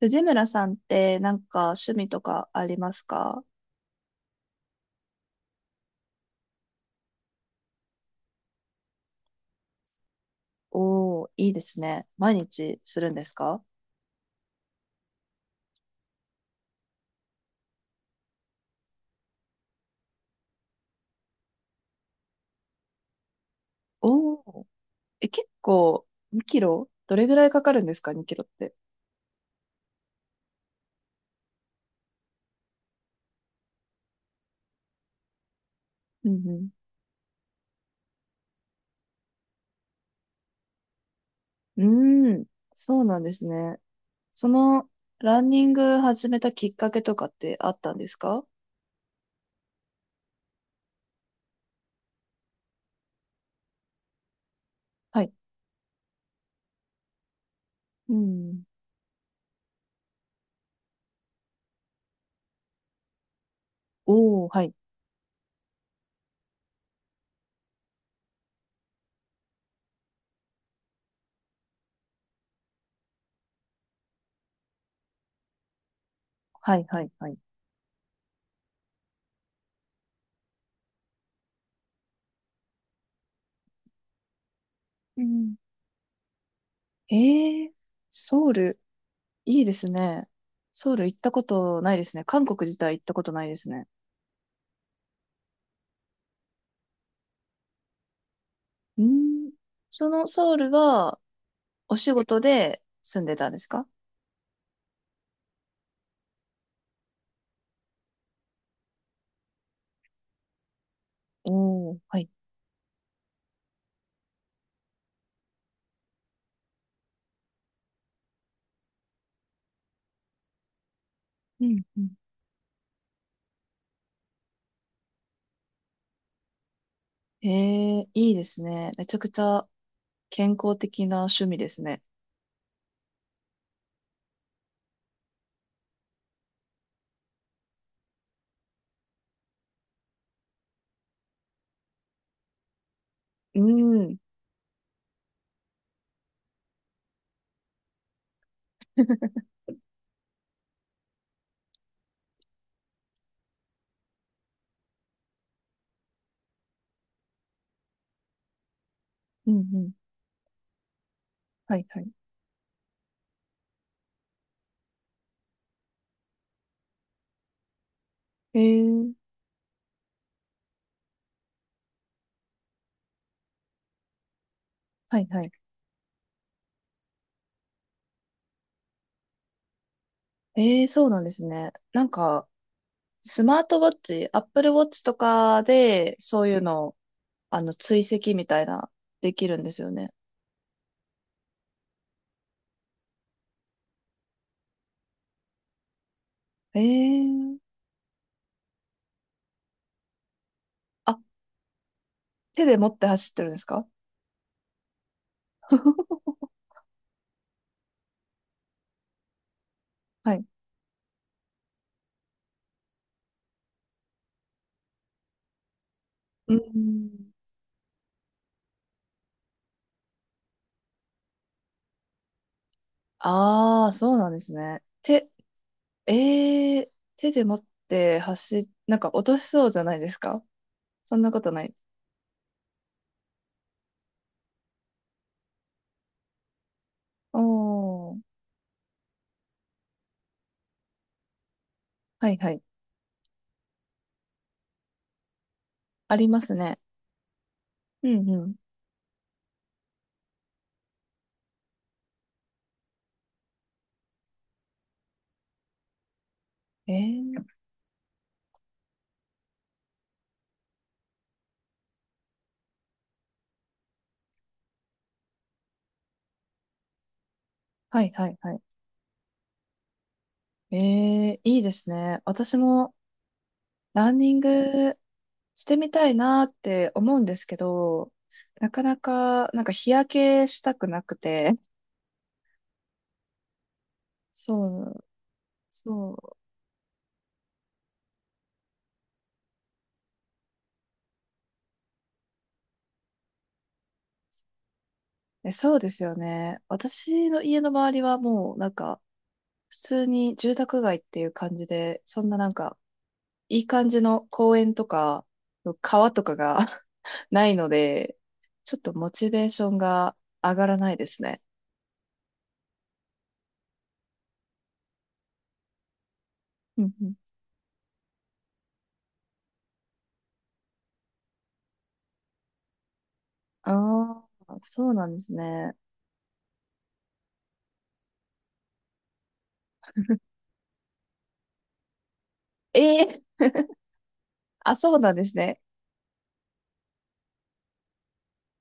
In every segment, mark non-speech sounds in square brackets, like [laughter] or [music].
藤村さんってなんか趣味とかありますか？おー、いいですね。毎日するんですか？おー、え、結構2キロどれぐらいかかるんですか？ 2 キロって。うんうん。うーん、そうなんですね。その、ランニング始めたきっかけとかってあったんですか？はい。うん。おー、はい。はい、はい、はい。うん。えー、ソウル、いいですね。ソウル行ったことないですね。韓国自体行ったことないですね。うん。そのソウルはお仕事で住んでたんですか？おー、はい。うん、うん。へえ、いいですね。めちゃくちゃ健康的な趣味ですね。うん。うんうん。はいはい。へえ、はいはい。ええ、そうなんですね。なんか、スマートウォッチ、Apple Watch とかで、そういうのを、追跡みたいな、できるんですよね。ええ、あ、手で持って走ってるんですか？ [laughs] はい。うん。ああ、そうなんですね。手、ええ手で持ってなんか落としそうじゃないですか？そんなことない。おー、はいはい。ありますね。うんうん。ええはいはいはい。ええいいですね。私もランニングしてみたいなって思うんですけど、なかなか、なんか日焼けしたくなくて、そう、そう、そうですよね。私の家の周りはもうなんか、普通に住宅街っていう感じで、そんななんか、いい感じの公園とか、川とかが [laughs] ないので、ちょっとモチベーションが上がらないですね。うんうんああ、そうなんですね。ええあ、そうなんですね。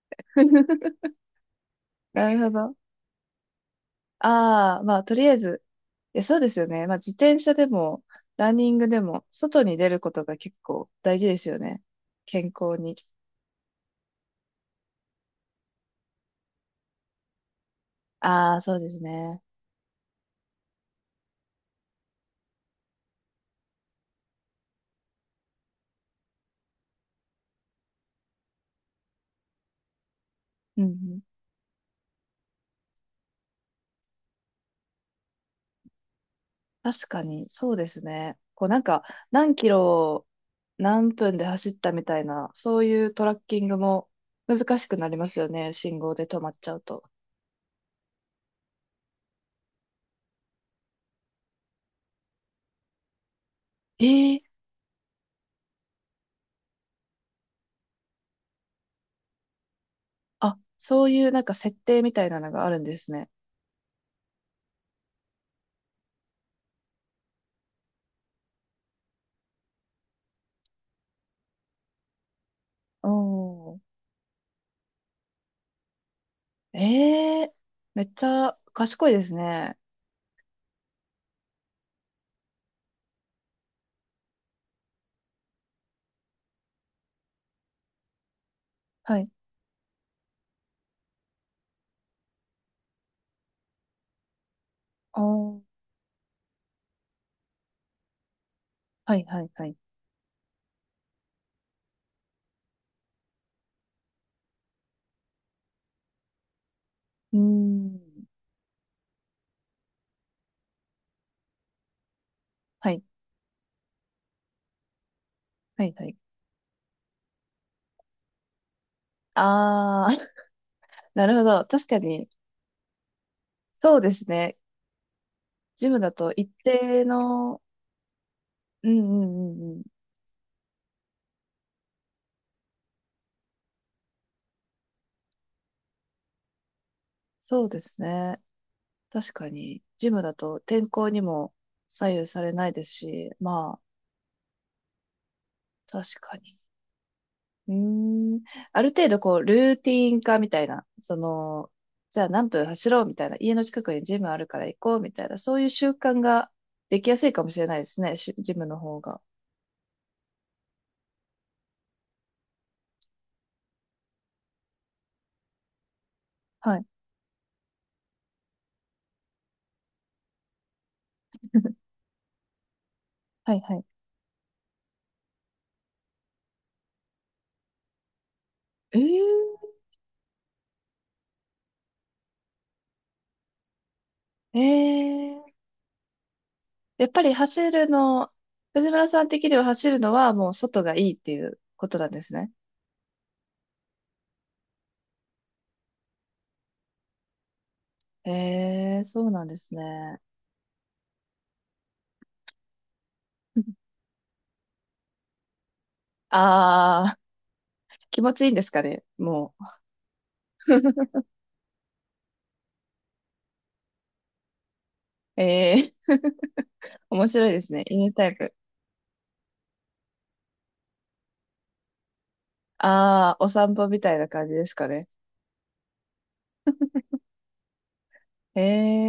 [laughs] なるほど。ああ、まあ、とりあえず、いや、そうですよね。まあ、自転車でも、ランニングでも、外に出ることが結構大事ですよね。健康に。ああ、そうですね。うんうん確かに、そうですね。こうなんか、何キロ、何分で走ったみたいな、そういうトラッキングも難しくなりますよね。信号で止まっちゃうと。ええあ、そういうなんか設定みたいなのがあるんですね。おー。ええめっちゃ賢いですね。はい。おー。はい、はい、はい。うーん。はい、はい、はい。あー、[laughs] なるほど。確かに、そうですね。ジムだと一定の、うんうんうんそうですね。確かに、ジムだと天候にも左右されないですし、まあ、確かに。うーん。ある程度、こう、ルーティン化みたいな、その、じゃあ何分走ろうみたいな、家の近くにジムあるから行こうみたいな、そういう習慣ができやすいかもしれないですね、しジムの方が。はい。[laughs] はいはい。えー、えー、やっぱり走るの、藤村さん的には走るのはもう外がいいっていうことなんですね。ええ、そうなんですね。[laughs] ああ、気持ちいいんですかね、もう。ええ、[laughs] 面白いですね。犬タイプ。ああ、お散歩みたいな感じですかね。え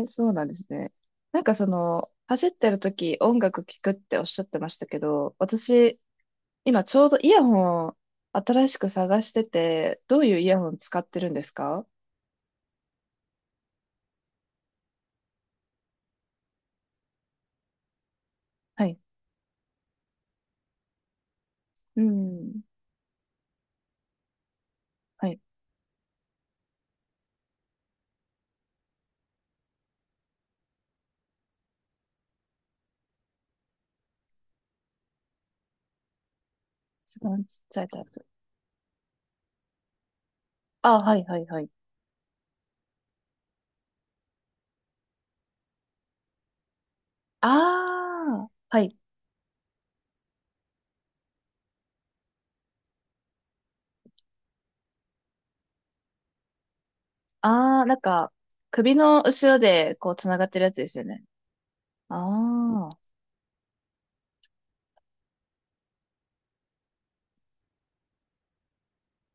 え、そうなんですね。なんかその、走ってる時音楽聴くっておっしゃってましたけど、私、今ちょうどイヤホン新しく探してて、どういうイヤホン使ってるんですか？はい。うん。はい。一番ちっちゃいタイプ。ああ、はい、はい、はい。ああ、はい。ああ、なんか、首の後ろで、こう、つながってるやつですよね。ああ